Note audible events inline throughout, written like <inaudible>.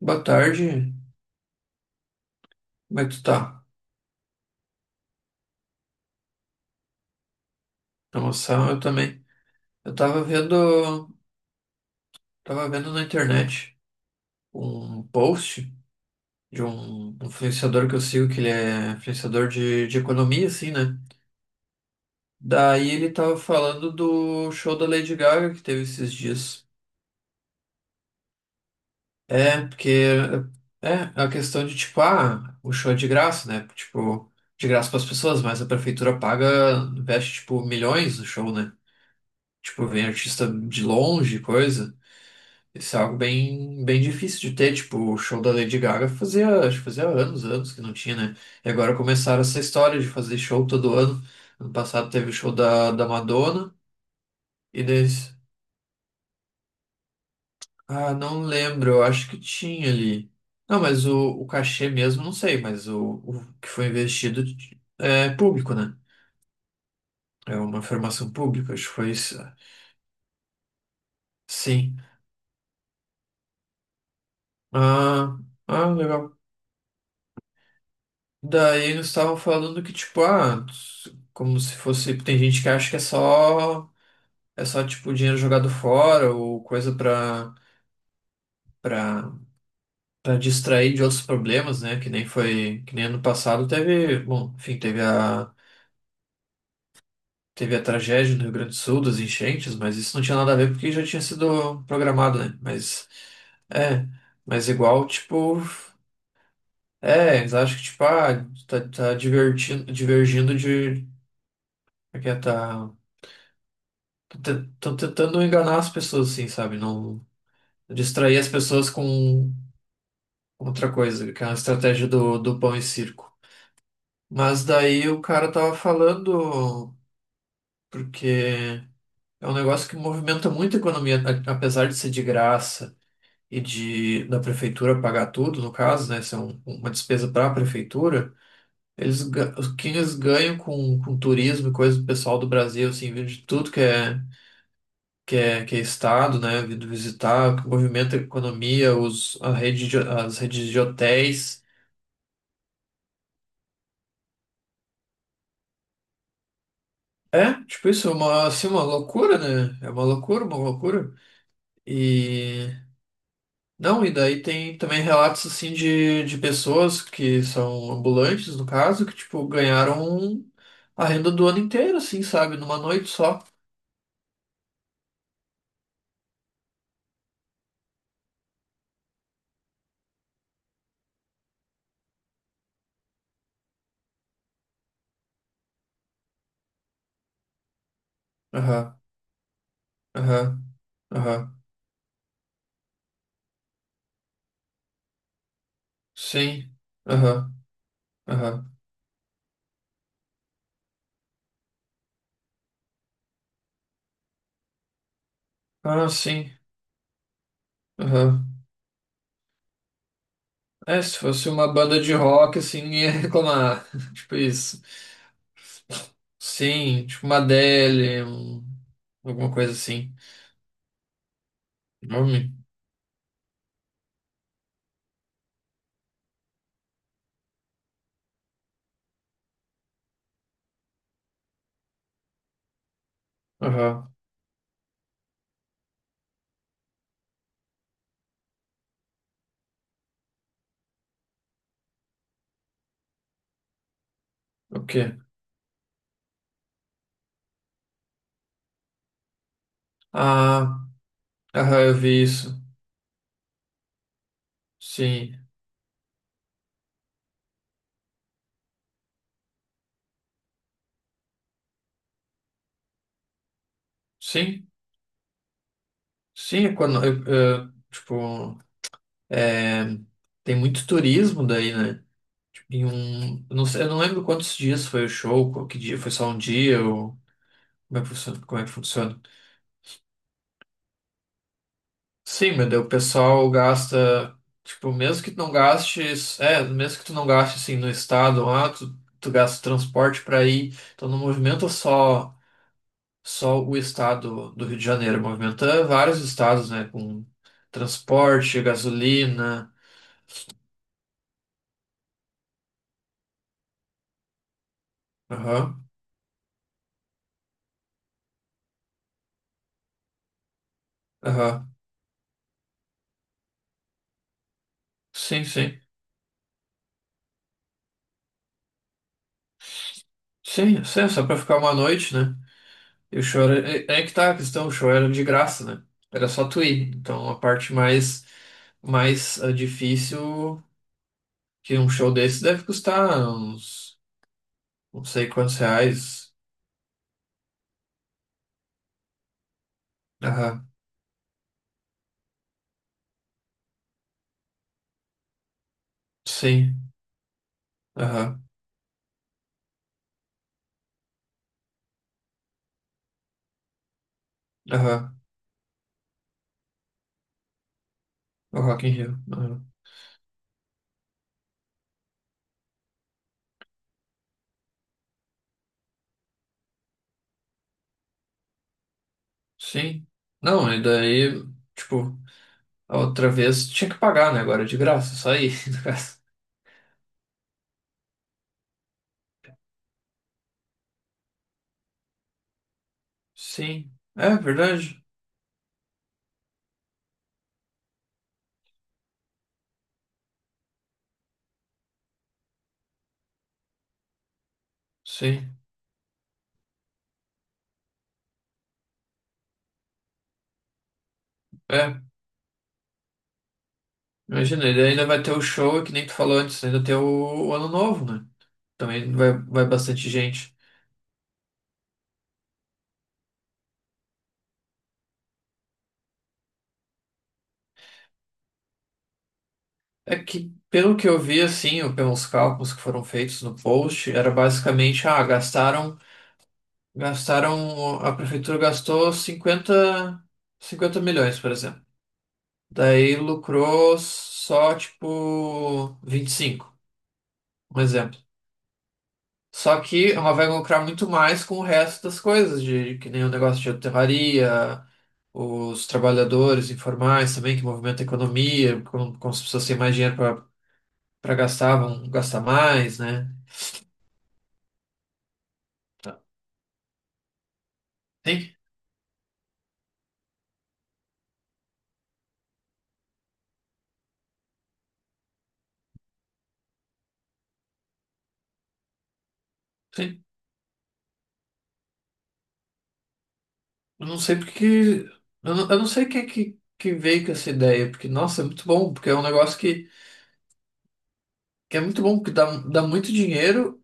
Boa tarde, como é que tu tá? Na moção, eu também. Eu tava vendo na internet um post de um influenciador que eu sigo, que ele é influenciador de economia, assim, né? Daí ele tava falando do show da Lady Gaga que teve esses dias. É, porque é é a questão de, tipo, ah, o show é de graça, né? Tipo, de graça para as pessoas, mas a prefeitura paga, investe, tipo, milhões no show, né? Tipo, vem artista de longe, coisa. Isso é algo bem, bem difícil de ter, tipo, o show da Lady Gaga fazia, acho que fazia anos, anos que não tinha, né? E agora começaram essa história de fazer show todo ano. Ano passado teve o show da Madonna, e deles, ah, não lembro, eu acho que tinha ali. Não, mas o cachê mesmo, não sei, mas o que foi investido é público, né? É uma formação pública, acho que foi isso. Sim. Ah, ah, legal. Daí eles estavam falando que, tipo, ah, como se fosse. Tem gente que acha que é só. É só, tipo, dinheiro jogado fora ou coisa pra, pra distrair de outros problemas, né? Que nem foi. Que nem ano passado teve. Bom, enfim, teve a. Teve a tragédia no Rio Grande do Sul, das enchentes, mas isso não tinha nada a ver porque já tinha sido programado, né? Mas. É. Mas igual, tipo. É, eles acham que, tipo, ah, tá divergindo de. Aqui é, tá. Estão tentando enganar as pessoas, assim, sabe? Não distrair as pessoas com outra coisa, que é uma estratégia do pão e circo. Mas daí o cara tava falando, porque é um negócio que movimenta muito a economia, apesar de ser de graça e de da prefeitura pagar tudo, no caso, né? Isso é uma despesa para a prefeitura. O que eles ganham com turismo e coisa do pessoal do Brasil, assim, de tudo que é. Que é estado, né, vindo visitar, que movimenta a economia, os, a rede de- as redes de hotéis. É, tipo isso, é uma, assim, uma loucura, né? É uma loucura, uma loucura. E... Não, e daí tem também relatos, assim, de pessoas que são ambulantes, no caso, que, tipo, ganharam a renda do ano inteiro, assim, sabe? Numa noite só. Aham, aham, aham. Sim, aham, aham. Ah, sim, aham. É, se fosse uma banda de rock, assim, ninguém ia reclamar. <laughs> Tipo isso. Sim, tipo uma Adele, alguma coisa assim. Nome? Aham. O quê? Ah, aham, eu vi isso. Sim. Sim? Sim, é quando, eu, tipo, é, tem muito turismo daí, né? Tipo, em um, eu não sei, eu não lembro quantos dias foi o show, qual que dia, foi só um dia, ou como é que funciona? Como é que funciona? Sim, meu Deus, o pessoal gasta, tipo, mesmo que tu não gaste assim no estado, ah, tu gasta transporte para ir, então não movimenta só o estado do Rio de Janeiro, movimenta vários estados, né, com transporte, gasolina, aham, aham, sim, sim, sim, sim, só para ficar uma noite, né, e o show era, é que tá a questão, o show era de graça, né, era só tu ir, então a parte mais, mais difícil. Que um show desse deve custar uns não sei quantos reais. Aham, sim. Aham, aham. O Rock in Rio. Aham. Sim. Não, e daí, tipo, a outra vez tinha que pagar, né? Agora é de graça, só aí, <laughs> no caso. Sim. É verdade. Sim. É. Imagina, ele ainda vai ter o show, é que nem tu falou antes, ainda tem o Ano Novo, né? Também vai bastante gente. É que, pelo que eu vi, assim, ou pelos cálculos que foram feitos no post, era basicamente, ah, gastaram. A prefeitura gastou cinquenta milhões, por exemplo. Daí lucrou só, tipo, 25, um exemplo. Só que ela vai lucrar muito mais com o resto das coisas, de, que nem o negócio de hotelaria, os trabalhadores informais também, que movimentam a economia, como as pessoas têm mais dinheiro para gastar, vão gastar mais, né? Tem, tem Eu não sei porque. Eu não sei quem é que veio com essa ideia, porque, nossa, é muito bom, porque é um negócio que é muito bom, que dá muito dinheiro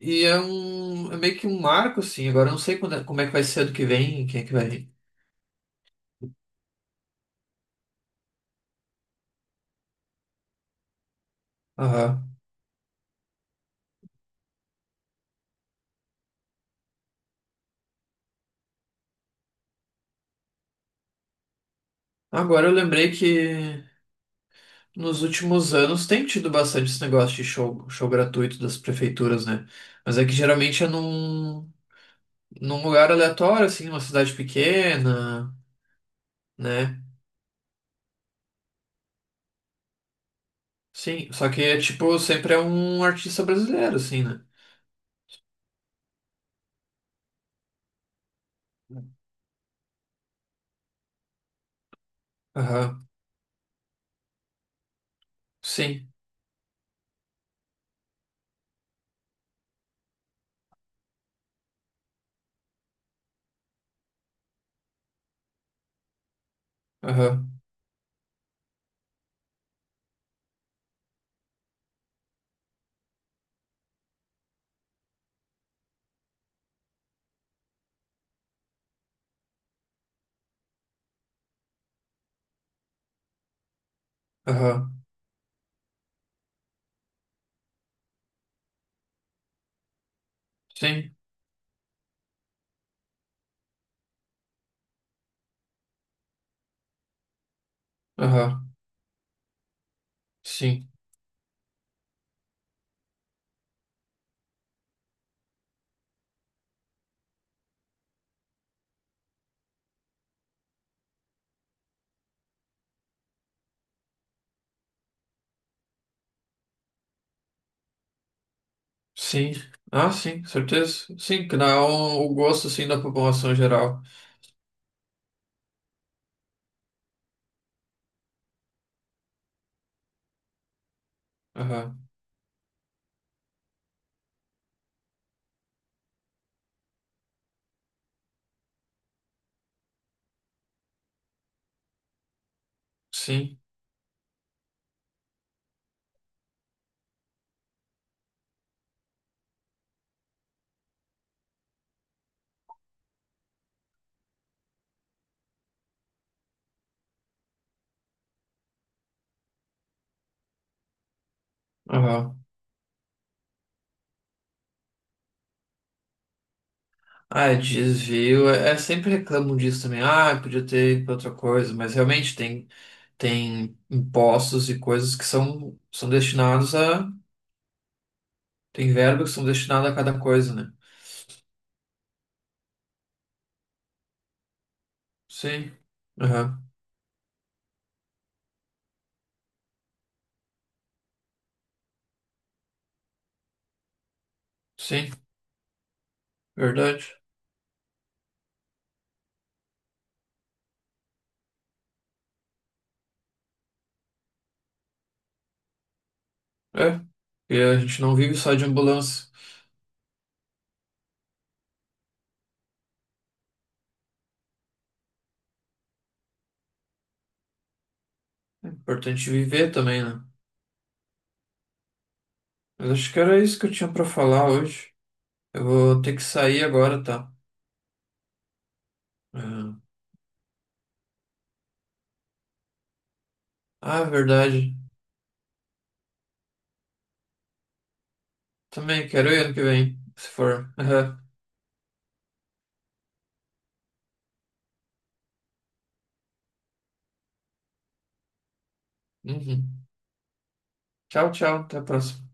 e é um. É meio que um marco, assim. Agora eu não sei como é que vai ser ano que vem, quem é que vai. Aham. Agora eu lembrei que nos últimos anos tem tido bastante esse negócio de show, show gratuito das prefeituras, né? Mas é que geralmente é num lugar aleatório, assim, numa cidade pequena, né? Sim, só que é tipo, sempre é um artista brasileiro, assim, né? Aham, sim, aham, aham, sim, aham, sim, sim. Ah, sim, certeza. Sim, que dá o gosto, assim, da população geral. Aham, sim, aham. Ah, é desvio, é sempre reclamam disso também. Ah, podia ter ido pra outra coisa, mas realmente tem impostos e coisas que são destinados a. Tem verbas que são destinadas a cada coisa, né? Sim, aham, sim, verdade. É, e a gente não vive só de ambulância. É importante viver também, né? Mas acho que era isso que eu tinha pra falar hoje. Eu vou ter que sair agora, tá? É. Ah, verdade. Também quero ir ano que vem, se for. <laughs> Aham. Uhum. Tchau, tchau. Até a próxima.